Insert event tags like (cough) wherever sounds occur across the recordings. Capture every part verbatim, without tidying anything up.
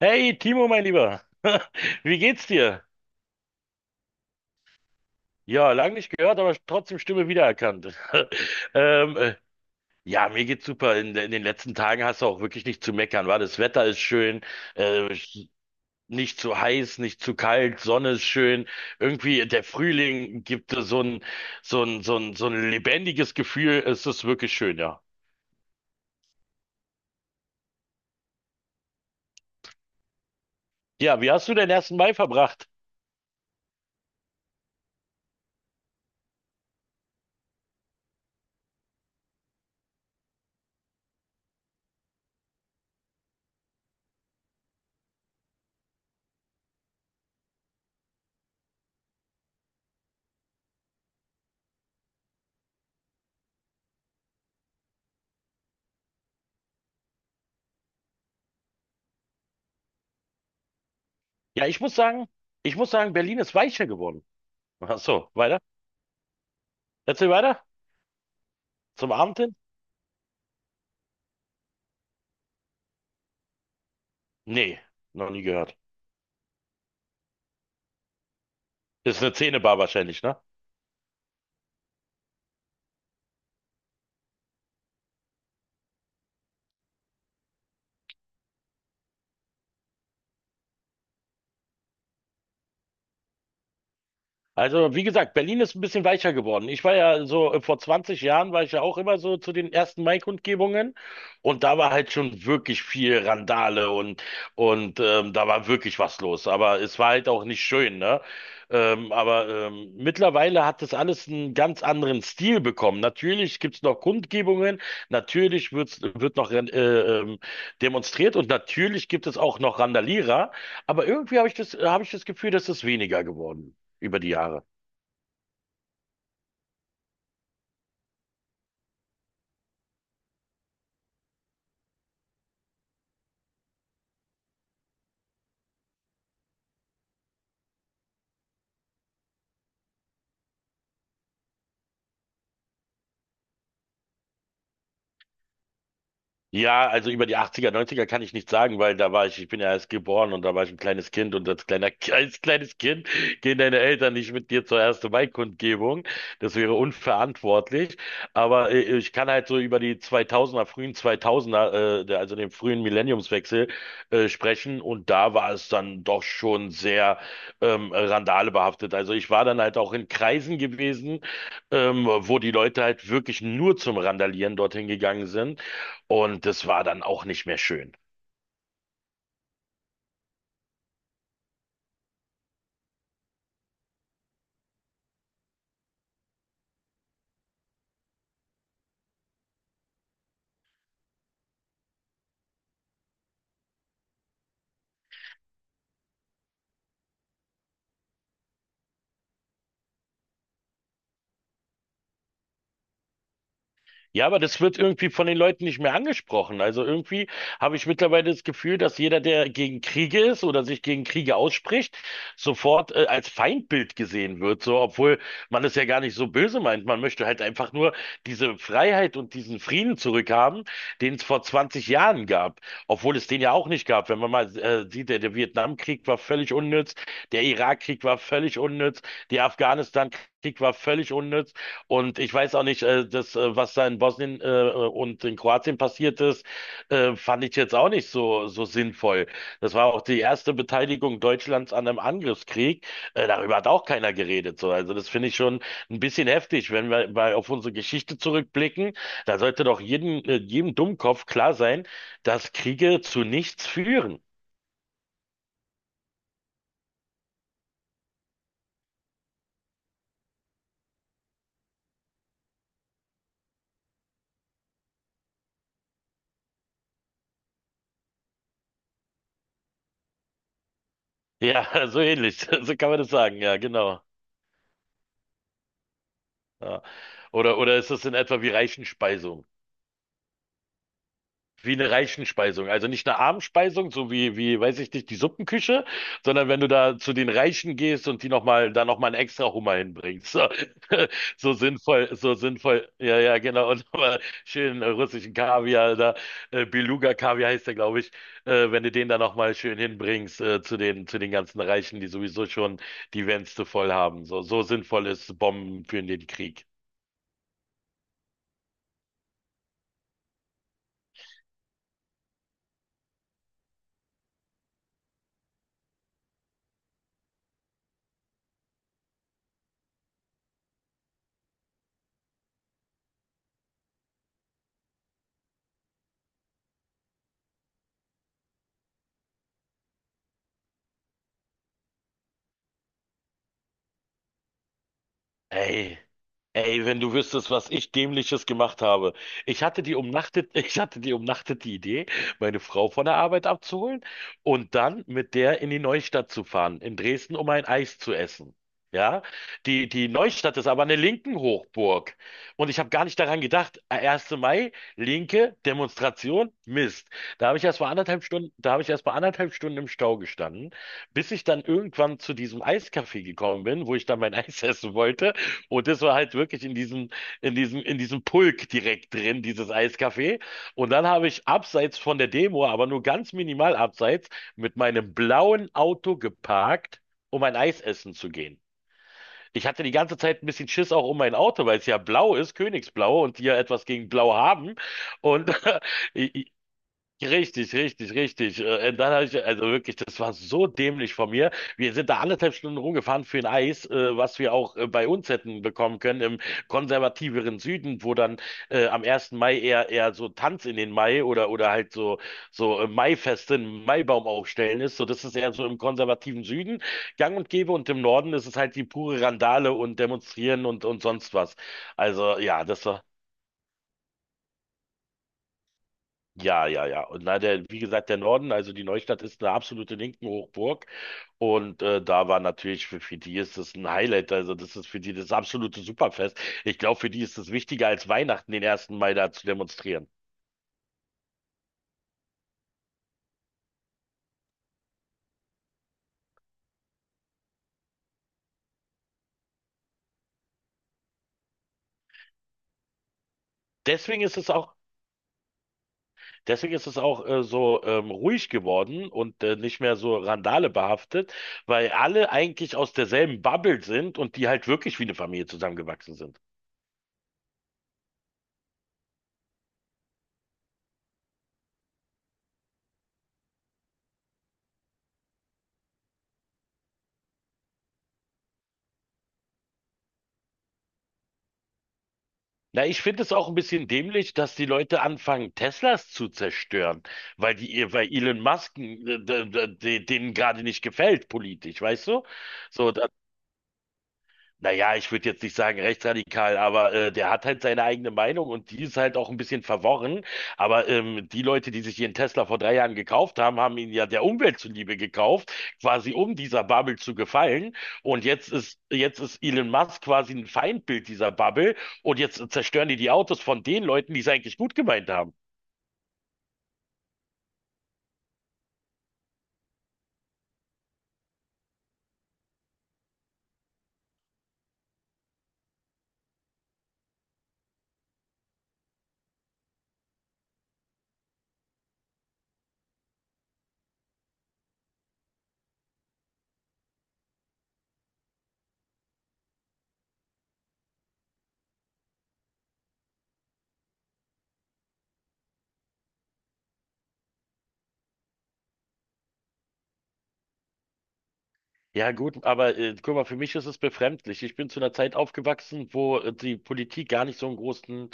Hey Timo, mein Lieber, (laughs) wie geht's dir? Ja, lang nicht gehört, aber trotzdem Stimme wiedererkannt. (laughs) Ähm, äh, ja, mir geht's super. In, in den letzten Tagen hast du auch wirklich nicht zu meckern, war? Das Wetter ist schön, äh, nicht zu heiß, nicht zu kalt, Sonne ist schön. Irgendwie der Frühling gibt dir so ein, so ein, so ein, so ein lebendiges Gefühl. Es ist wirklich schön, ja. Ja, wie hast du den ersten Mai verbracht? Ja, ich muss sagen, ich muss sagen, Berlin ist weicher geworden. Ach so, weiter? Erzähl weiter zum Abend hin. Nee, noch nie gehört. Ist eine Zähnebar wahrscheinlich, ne? Also, wie gesagt, Berlin ist ein bisschen weicher geworden. Ich war ja so, äh, vor zwanzig Jahren war ich ja auch immer so zu den ersten Mai-Kundgebungen und da war halt schon wirklich viel Randale und, und ähm, da war wirklich was los. Aber es war halt auch nicht schön, ne? Ähm, aber ähm, mittlerweile hat das alles einen ganz anderen Stil bekommen. Natürlich gibt es noch Kundgebungen, natürlich wird's, wird noch äh, ähm, demonstriert und natürlich gibt es auch noch Randalierer, aber irgendwie habe ich das, habe ich das Gefühl, dass es weniger geworden über die Jahre. Ja, also über die achtziger, neunziger kann ich nichts sagen, weil da war ich, ich bin ja erst geboren und da war ich ein kleines Kind und als kleiner, (laughs) als kleines Kind gehen deine Eltern nicht mit dir zur ersten Mai-Kundgebung. Das wäre unverantwortlich. Aber äh, ich kann halt so über die zweitausender, frühen zweitausender, äh, der- also den frühen Millenniumswechsel, äh, sprechen und da war es dann doch schon sehr ähm, randalebehaftet. Also ich war dann halt auch in Kreisen gewesen, ähm, wo die Leute halt wirklich nur zum Randalieren dorthin gegangen sind. Und das war dann auch nicht mehr schön. Ja, aber das wird irgendwie von den Leuten nicht mehr angesprochen. Also irgendwie habe ich mittlerweile das Gefühl, dass jeder, der gegen Kriege ist oder sich gegen Kriege ausspricht, sofort äh, als Feindbild gesehen wird. So, obwohl man es ja gar nicht so böse meint. Man möchte halt einfach nur diese Freiheit und diesen Frieden zurückhaben, den es vor zwanzig Jahren gab. Obwohl es den ja auch nicht gab. Wenn man mal äh, sieht, der, der Vietnamkrieg war völlig unnütz. Der Irakkrieg war völlig unnütz, die Afghanistan-Krieg war völlig unnütz und ich weiß auch nicht, äh, das, äh, was da in Bosnien äh, und in Kroatien passiert ist, äh, fand ich jetzt auch nicht so, so sinnvoll. Das war auch die erste Beteiligung Deutschlands an einem Angriffskrieg. Äh, darüber hat auch keiner geredet. So. Also das finde ich schon ein bisschen heftig, wenn wir mal auf unsere Geschichte zurückblicken. Da sollte doch jedem, äh, jedem Dummkopf klar sein, dass Kriege zu nichts führen. Ja, (laughs) so ähnlich. (laughs) So kann man das sagen. Ja, genau. Ja. Oder, oder ist das in etwa wie Reichenspeisung? Wie eine Reichenspeisung. Also nicht eine Abendspeisung, so wie, wie, weiß ich nicht, die Suppenküche, sondern wenn du da zu den Reichen gehst und die nochmal, da nochmal einen extra Hummer hinbringst. So, (laughs) so sinnvoll, so sinnvoll. Ja, ja, genau. Und nochmal schön äh, russischen Kaviar, da, äh, Beluga-Kaviar heißt der, glaube ich. Äh, wenn du den da nochmal schön hinbringst, äh, zu den, zu den ganzen Reichen, die sowieso schon die Wänste voll haben. So, so sinnvoll ist Bomben für den Krieg. Ey, ey, wenn du wüsstest, was ich Dämliches gemacht habe. Ich hatte die umnachtet, (laughs) ich hatte die umnachtete Idee, meine Frau von der Arbeit abzuholen und dann mit der in die Neustadt zu fahren, in Dresden, um ein Eis zu essen. Ja, die, die Neustadt ist aber eine linken Hochburg. Und ich habe gar nicht daran gedacht, erster Mai, linke Demonstration, Mist. Da habe ich erst mal anderthalb Stunden, da habe ich erst mal anderthalb Stunden im Stau gestanden, bis ich dann irgendwann zu diesem Eiscafé gekommen bin, wo ich dann mein (laughs) Eis essen wollte. Und das war halt wirklich in diesem, in diesem, in diesem Pulk direkt drin, dieses Eiscafé. Und dann habe ich abseits von der Demo, aber nur ganz minimal abseits, mit meinem blauen Auto geparkt, um ein Eis essen zu gehen. Ich hatte die ganze Zeit ein bisschen Schiss auch um mein Auto, weil es ja blau ist, Königsblau, und die ja etwas gegen Blau haben. Und (laughs) richtig, richtig, richtig. Äh, und dann habe ich, also wirklich, das war so dämlich von mir. Wir sind da anderthalb Stunden rumgefahren für ein Eis, äh, was wir auch äh, bei uns hätten bekommen können im konservativeren Süden, wo dann äh, am ersten Mai eher eher so Tanz in den Mai oder oder halt so so äh, Maifeste, einen Maibaum aufstellen ist. So, das ist eher so im konservativen Süden gang und gäbe und im Norden ist es halt die pure Randale und Demonstrieren und und sonst was. Also ja, das war ja, ja, ja. Und na, der, wie gesagt, der Norden, also die Neustadt ist eine absolute linken Hochburg. Und äh, da war natürlich, für, für die ist das ein Highlight. Also das ist für die das absolute Superfest. Ich glaube, für die ist es wichtiger als Weihnachten, den ersten Mai da zu demonstrieren. Deswegen ist es auch, deswegen ist es auch äh, so ähm, ruhig geworden und äh, nicht mehr so Randale behaftet, weil alle eigentlich aus derselben Bubble sind und die halt wirklich wie eine Familie zusammengewachsen sind. Na, ich finde es auch ein bisschen dämlich, dass die Leute anfangen, Teslas zu zerstören, weil die, ihr- weil Elon Musk äh, d- d- d- denen gerade nicht gefällt politisch, weißt du? So, naja, ich würde jetzt nicht sagen rechtsradikal, aber äh, der hat halt seine eigene Meinung und die ist halt auch ein bisschen verworren. Aber ähm, die Leute, die sich ihren Tesla vor drei Jahren gekauft haben, haben ihn ja der Umwelt zuliebe gekauft, quasi um dieser Bubble zu gefallen. Und jetzt ist, jetzt ist Elon Musk quasi ein Feindbild dieser Bubble und jetzt zerstören die die Autos von den Leuten, die es eigentlich gut gemeint haben. Ja gut, aber äh, guck mal, für mich ist es befremdlich. Ich bin zu einer Zeit aufgewachsen, wo äh, die Politik gar nicht so einen großen,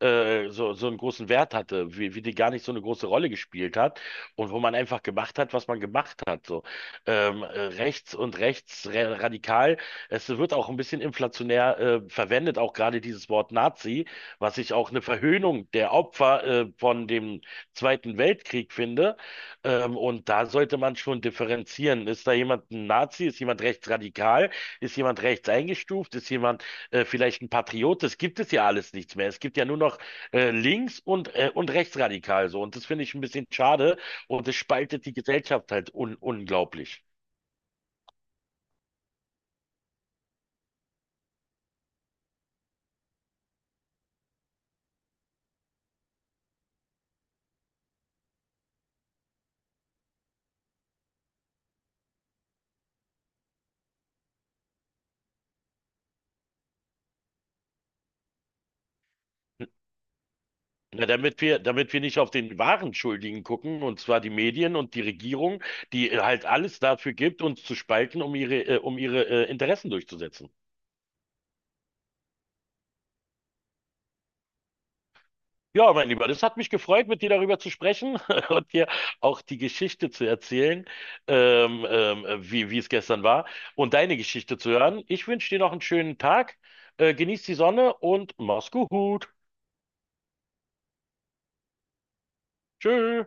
äh, so, so einen großen Wert hatte, wie, wie die gar nicht so eine große Rolle gespielt hat und wo man einfach gemacht hat, was man gemacht hat. So ähm, äh, rechts und rechts ra- radikal. Es wird auch ein bisschen inflationär äh, verwendet, auch gerade dieses Wort Nazi, was ich auch eine Verhöhnung der Opfer äh, von dem Zweiten Weltkrieg finde, ähm, und da sollte man schon differenzieren. Ist da jemand ein Nazi? Ist jemand rechtsradikal? Ist jemand rechts eingestuft? Ist jemand äh, vielleicht ein Patriot? Das gibt es ja alles nichts mehr. Es gibt ja nur noch äh, links und, äh, und rechtsradikal so. Und das finde ich ein bisschen schade. Und das spaltet die Gesellschaft halt un unglaublich. Na, damit wir, damit wir nicht auf den wahren Schuldigen gucken, und zwar die Medien und die Regierung, die äh, halt alles dafür gibt, uns zu spalten, um ihre, äh, um ihre äh, Interessen durchzusetzen. Ja, mein Lieber, das hat mich gefreut, mit dir darüber zu sprechen (laughs) und dir auch die Geschichte zu erzählen, ähm, ähm, wie, wie es gestern war und deine Geschichte zu hören. Ich wünsche dir noch einen schönen Tag, äh, genieß die Sonne und mach's gut. Tschö.